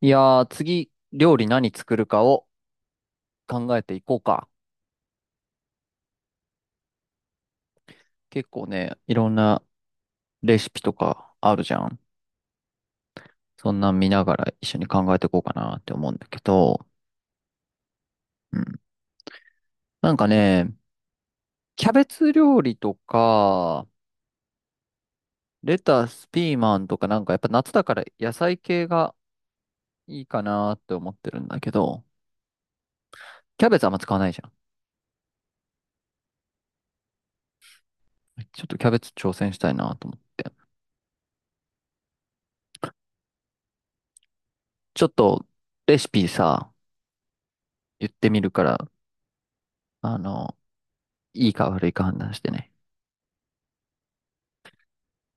いやー、次、料理何作るかを考えていこうか。結構ね、いろんなレシピとかあるじゃん。そんなん見ながら一緒に考えていこうかなって思うんだけど、うん。なんかね、キャベツ料理とか、レタス、ピーマンとかなんかやっぱ夏だから野菜系がいいかなって思ってるんだけど、キャベツあんま使わないじゃん。ちょっとキャベツ挑戦したいなと思って。ちょっとレシピさ、言ってみるから、あの、いいか悪いか判断してね。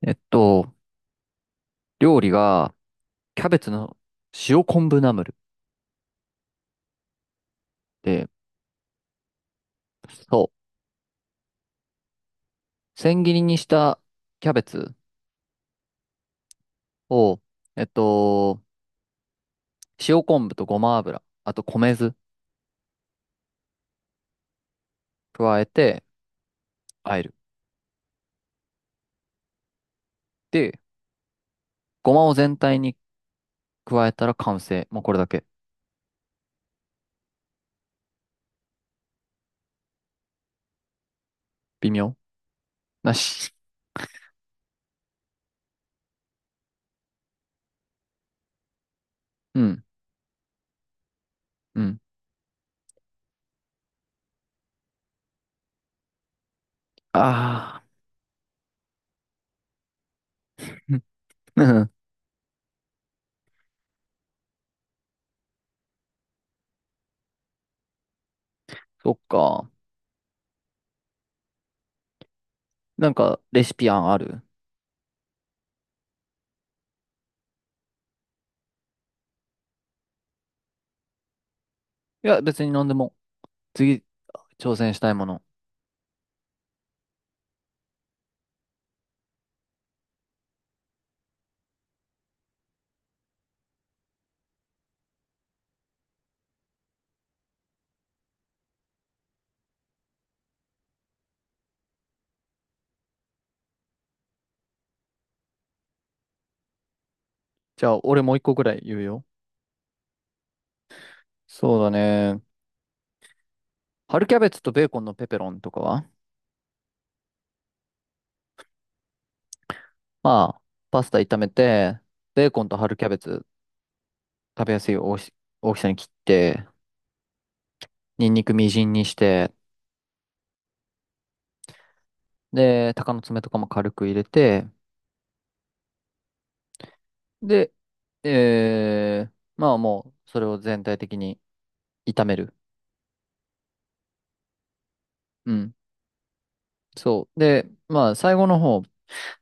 えっと、料理が、キャベツの塩昆布ナムルで、そう、千切りにしたキャベツを、えっと、塩昆布とごま油、あと米酢加えて、和える。で、ごまを全体に加えたら完成。もうこれだけ。微妙なし。うん、うん。ああ。そっか。なんか、レシピ案ある？いや、別に何でも。次、挑戦したいもの。じゃあ、俺もう一個ぐらい言うよ。そうだね。春キャベツとベーコンのペペロンとかは、まあ、パスタ炒めて、ベーコンと春キャベツ食べやすい大きさに切って、ニンニクみじんにして、で、鷹の爪とかも軽く入れて、で、えー、まあもう、それを全体的に炒める。うん。そう。で、まあ、最後の方、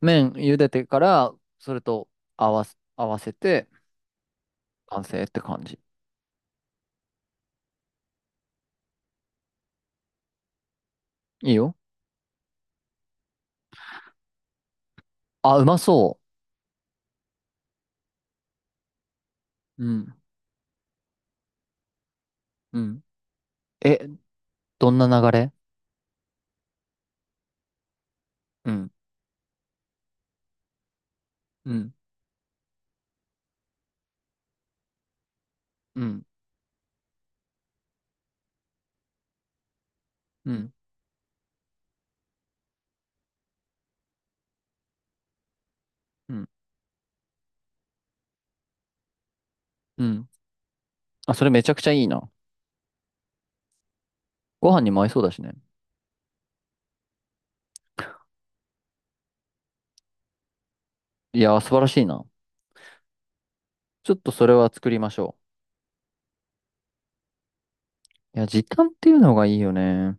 麺茹でてから、それと合わせて、完成って感じ。いいよ。あ、うまそう。うん。うん。え、どんな流れ？うん。うんうん、うん、うん、うん。あ、それめちゃくちゃいいな。ご飯にも合いそうだしね。いやー、素晴らしいな。ちょっとそれは作りましょう。いや、時短っていうのがいいよね。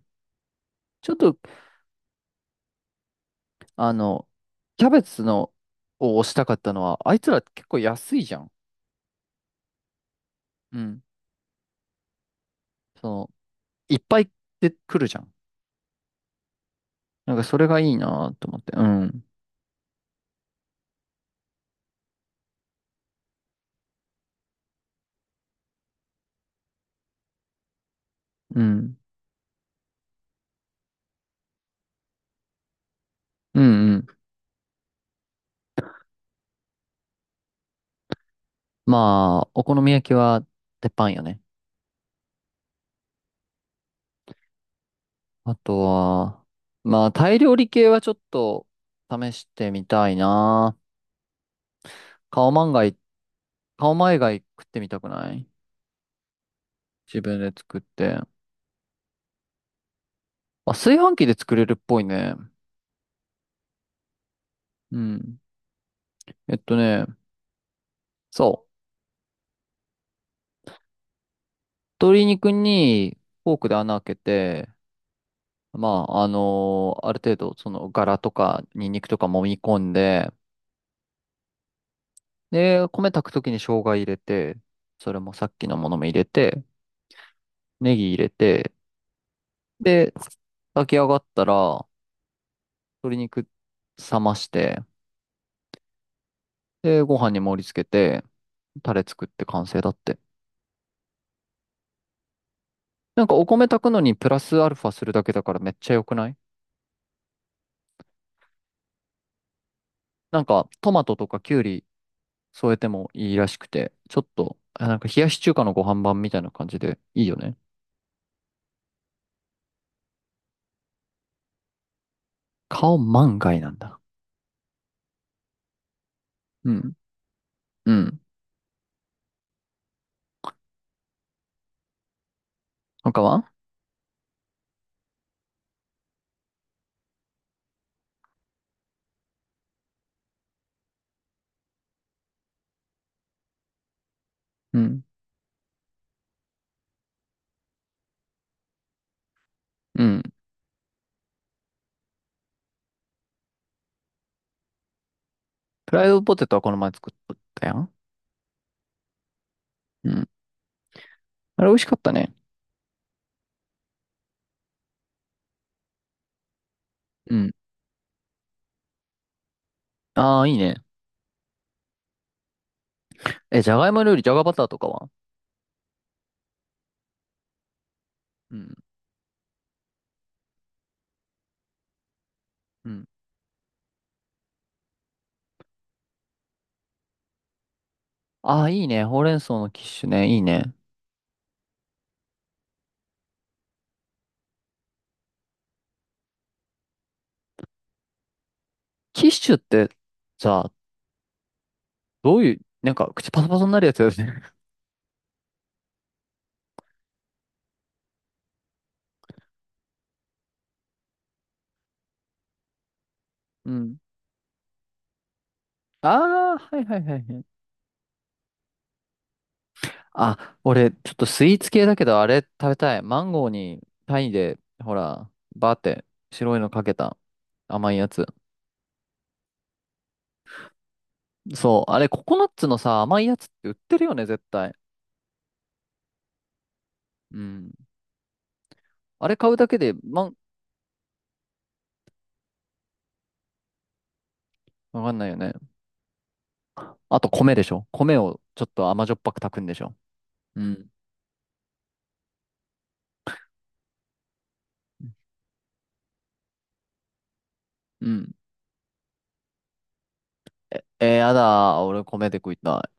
ちょっと、あの、キャベツの、を推したかったのは、あいつら結構安いじゃん。うん。その、いっぱいで来るじゃん。なんかそれがいいなと思って。うん。うん。うんうん。まあ、お好み焼きは鉄板よね。あとは、まあ、タイ料理系はちょっと試してみたいなカオマンガイ、カオマイガイ食ってみたくない？自分で作って。あ、炊飯器で作れるっぽいね。うん。えっとね、そう。鶏肉にフォークで穴開けて、まあ、ある程度、その、ガラとか、ニンニクとか揉み込んで、で、米炊くときに生姜入れて、それもさっきのものも入れて、ネギ入れて、で、炊き上がったら、鶏肉冷まして、で、ご飯に盛り付けて、タレ作って完成だって。なんかお米炊くのにプラスアルファするだけだからめっちゃ良くない？なんかトマトとかキュウリ添えてもいいらしくて、ちょっと、あなんか冷やし中華のご飯版みたいな感じでいいよね。顔万が一なんだ。うん。うん。他は？うん。うん。フライドポテトはこの前作ったやん。うん。あれ美味しかったね。うん。ああ、いいね。え、じゃがいも料理、じゃがバターとかは？うん。うん。ああ、いいね。ほうれん草のキッシュね。いいね。キッシュってさ、どういう、なんか口パサパサになるやつだよね。うん。ああ、はいはいはいはい。あ、俺、ちょっとスイーツ系だけど、あれ食べたい。マンゴーに、タイで、ほら、バーって白いのかけた甘いやつ。そう、あれ、ココナッツのさ、甘いやつって売ってるよね、絶対。うん。あれ買うだけで、わかんないよね。あと、米でしょ。米をちょっと甘じょっぱく炊くんでしょ。うん。うん。えー、やだー。俺、米で食いたい。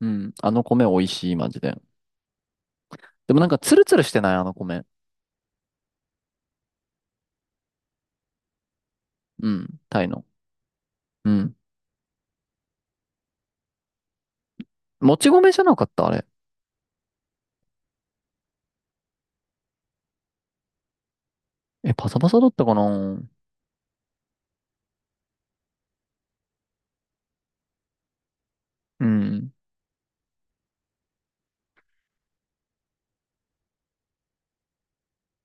うん。あの米美味しい、マジで。でもなんかツルツルしてないあの米。うん。タイの。うん。もち米じゃなかったあれ。え、パサパサだったかな？うん。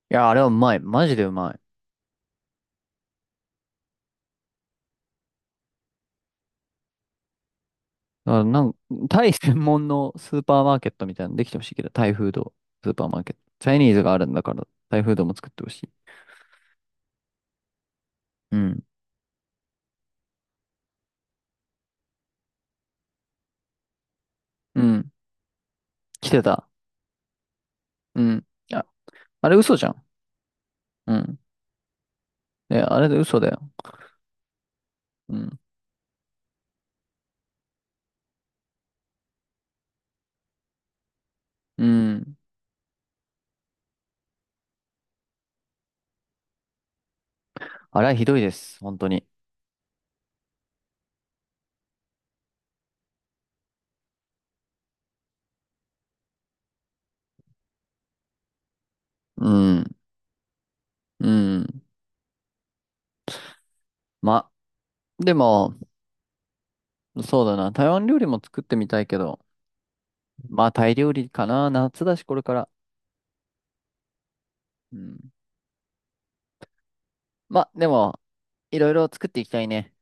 いや、あれはうまい。マジでうまい。だからなんか、タイ専門のスーパーマーケットみたいなのできてほしいけど、タイフード、スーパーマーケット。チャイニーズがあるんだから、タイフードも作ってほしい。うん。うん。来てた。うん。あ、あれ嘘じゃん。うん。え、あれで嘘だよ。うん。うん。あれはひどいです。本当に。うん。うん。ま、でも、そうだな。台湾料理も作ってみたいけど、まあタイ料理かな。夏だし、これから。うん。まあ、でも、いろいろ作っていきたいね。